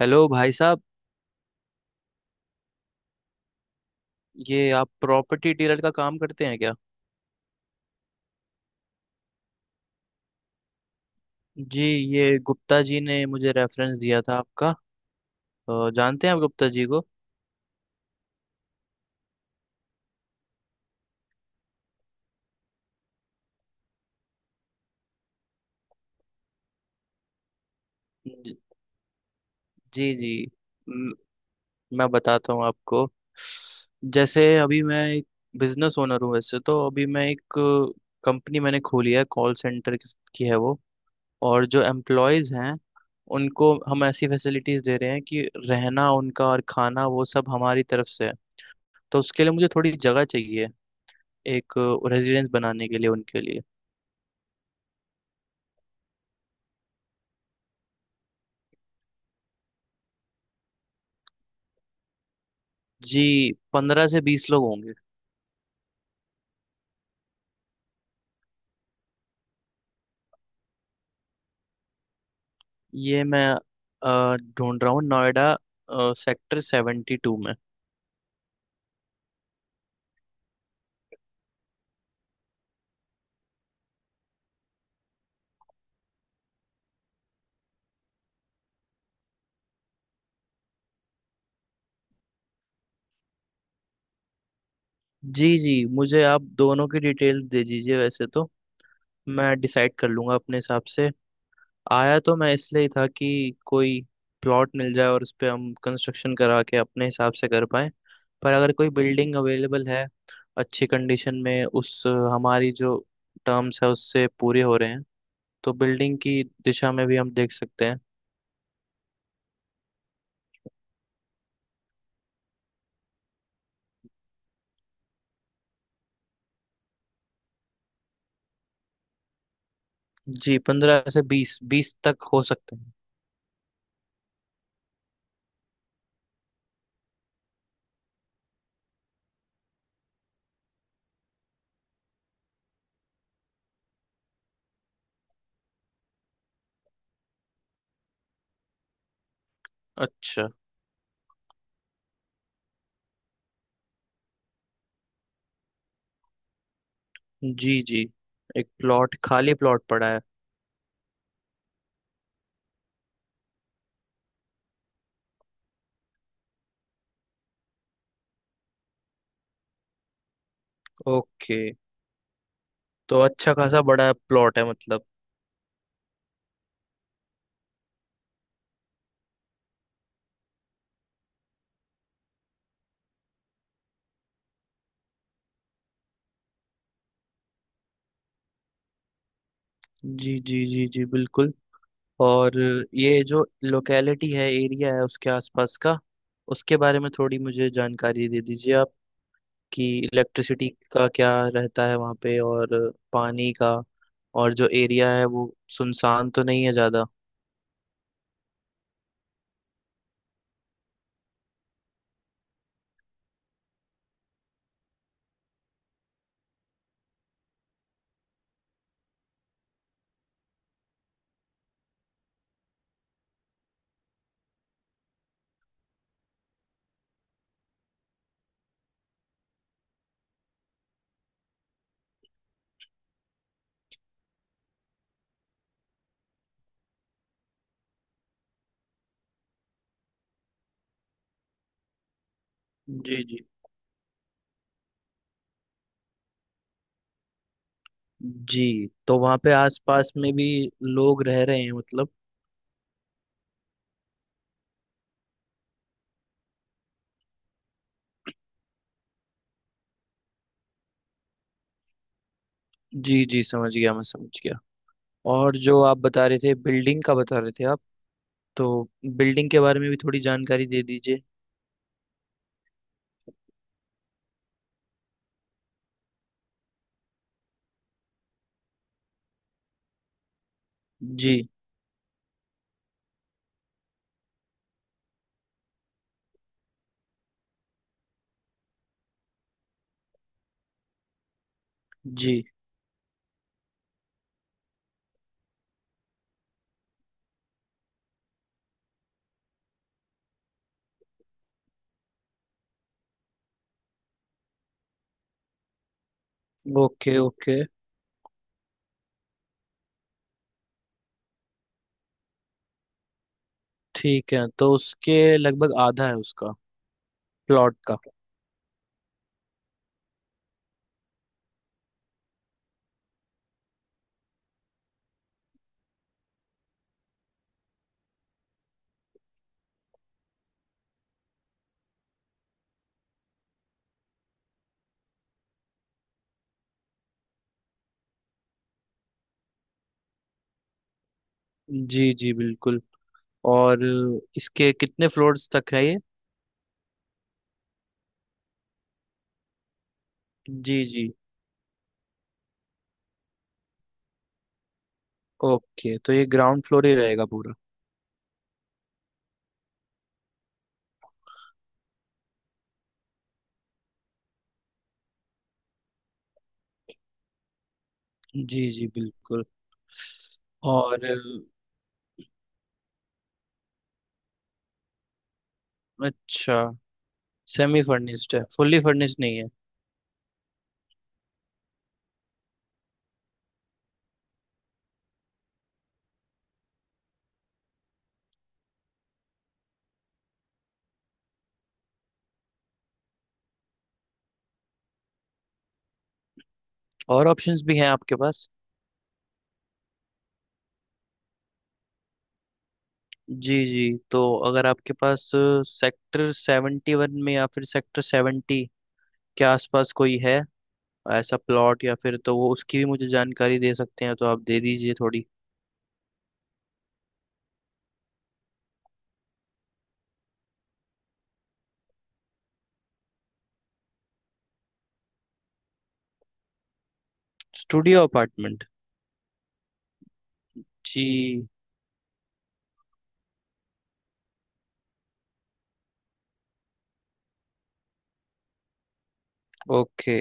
Hello भाई साहब। ये आप प्रॉपर्टी डीलर का काम करते हैं क्या। जी। ये गुप्ता जी ने मुझे रेफरेंस दिया था आपका। जानते हैं आप गुप्ता जी को। ज- जी जी। म- मैं बताता हूँ आपको। जैसे अभी मैं एक बिजनेस ओनर हूँ। वैसे तो अभी मैं एक कंपनी मैंने खोली है, कॉल सेंटर की है वो। और जो एम्प्लॉयज हैं उनको हम ऐसी फैसिलिटीज दे रहे हैं कि रहना उनका और खाना वो सब हमारी तरफ से है। तो उसके लिए मुझे थोड़ी जगह चाहिए, एक रेजिडेंस बनाने के लिए उनके लिए। जी, 15 से 20 लोग होंगे। ये मैं ढूंढ रहा हूँ नोएडा सेक्टर 72 में। जी जी, मुझे आप दोनों की डिटेल दे दीजिए, वैसे तो मैं डिसाइड कर लूँगा अपने हिसाब से। आया तो मैं इसलिए ही था कि कोई प्लॉट मिल जाए और उस पर हम कंस्ट्रक्शन करा के अपने हिसाब से कर पाएँ। पर अगर कोई बिल्डिंग अवेलेबल है अच्छी कंडीशन में, हमारी जो टर्म्स है उससे पूरे हो रहे हैं, तो बिल्डिंग की दिशा में भी हम देख सकते हैं। जी, 15 से बीस, 20 तक हो सकते हैं। अच्छा। जी जी। एक प्लॉट, खाली प्लॉट पड़ा है। ओके। तो अच्छा खासा बड़ा प्लॉट है मतलब। जी जी जी जी बिल्कुल। और ये जो लोकेलिटी है, एरिया है उसके आसपास का, उसके बारे में थोड़ी मुझे जानकारी दे दीजिए आप। कि इलेक्ट्रिसिटी का क्या रहता है वहाँ पे, और पानी का। और जो एरिया है वो सुनसान तो नहीं है ज़्यादा। जी जी। जी, तो वहाँ पे आसपास में भी लोग रह रहे हैं मतलब। जी जी, समझ गया, मैं समझ गया। और जो आप बता रहे थे, बिल्डिंग का बता रहे थे आप, तो बिल्डिंग के बारे में भी थोड़ी जानकारी दे दीजिए। जी। जी। Okay okay. ठीक है, तो उसके लगभग आधा है उसका। प्लॉट का। जी जी बिल्कुल। और इसके कितने फ्लोर्स तक है ये। जी जी। ओके, तो ये ग्राउंड फ्लोर ही रहेगा पूरा। जी जी बिल्कुल। और? अच्छा। सेमी फर्निश्ड है, फुल्ली फर्निश्ड नहीं है। और ऑप्शंस भी हैं आपके पास। जी जी। तो अगर आपके पास सेक्टर 71 में या फिर सेक्टर 70 के आसपास कोई है ऐसा प्लॉट या फिर, तो वो, उसकी भी मुझे जानकारी दे सकते हैं तो आप दे दीजिए थोड़ी। Studio apartment. जी। ओके,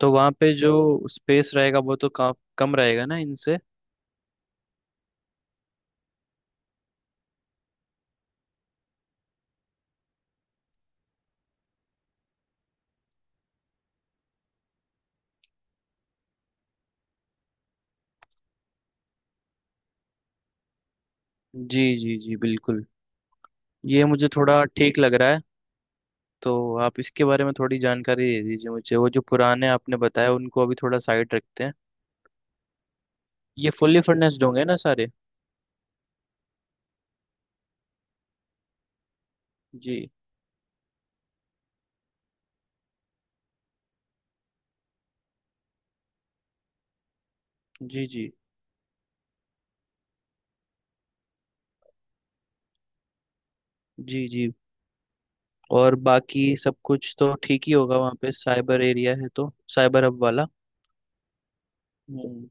तो वहाँ पे जो स्पेस रहेगा वो तो कम रहेगा ना इनसे। जी जी जी बिल्कुल। ये मुझे थोड़ा ठीक लग रहा है। तो आप इसके बारे में थोड़ी जानकारी दे दीजिए मुझे। वो जो पुराने आपने बताया उनको अभी थोड़ा साइड रखते हैं। ये फुल्ली फर्नेस्ड होंगे ना सारे। जी। जी। जी जी जी। और बाकी सब कुछ तो ठीक ही होगा वहाँ पे, साइबर एरिया है तो। साइबर हब वाला। हम्म।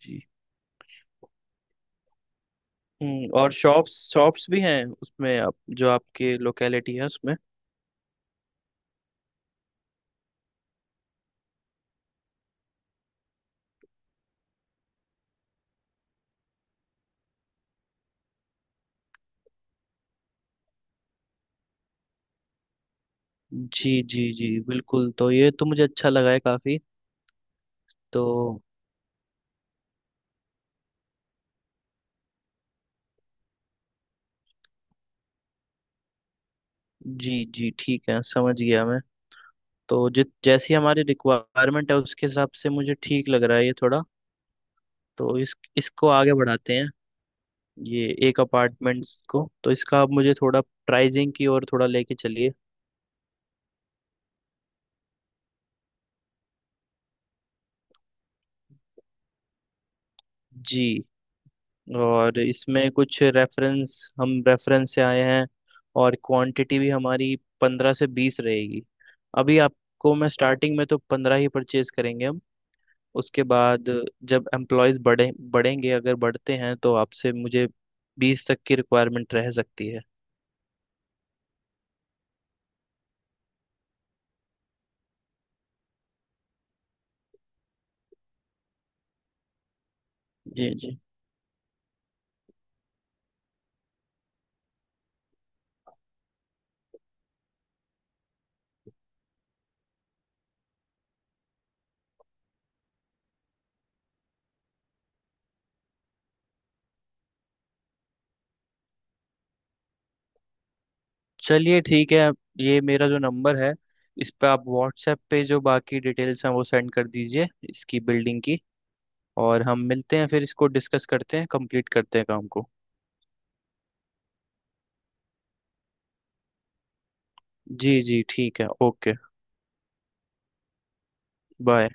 जी। हम्म, और शॉप्स शॉप्स भी हैं उसमें, जो आपके लोकेलिटी है उसमें। जी जी जी बिल्कुल, तो ये तो मुझे अच्छा लगा है काफ़ी। तो? जी जी ठीक है, समझ गया मैं। तो जित जैसी हमारी रिक्वायरमेंट है उसके हिसाब से मुझे ठीक लग रहा है ये थोड़ा। तो इस इसको आगे बढ़ाते हैं। ये एक अपार्टमेंट्स को, तो इसका आप मुझे थोड़ा प्राइजिंग की ओर थोड़ा लेके चलिए। जी। और इसमें कुछ, रेफरेंस हम रेफरेंस से आए हैं और क्वांटिटी भी हमारी 15 से 20 रहेगी। अभी आपको मैं स्टार्टिंग में तो 15 ही परचेज करेंगे हम। उसके बाद जब एम्प्लॉयज़ बढ़ेंगे, अगर बढ़ते हैं, तो आपसे मुझे 20 तक की रिक्वायरमेंट रह सकती है। जी जी। चलिए ठीक है। ये मेरा जो नंबर है, इस पर आप व्हाट्सएप पे जो बाकी डिटेल्स हैं वो सेंड कर दीजिए, इसकी बिल्डिंग की। और हम मिलते हैं फिर, इसको डिस्कस करते हैं, कंप्लीट करते हैं काम को। जी जी ठीक है ओके। बाय।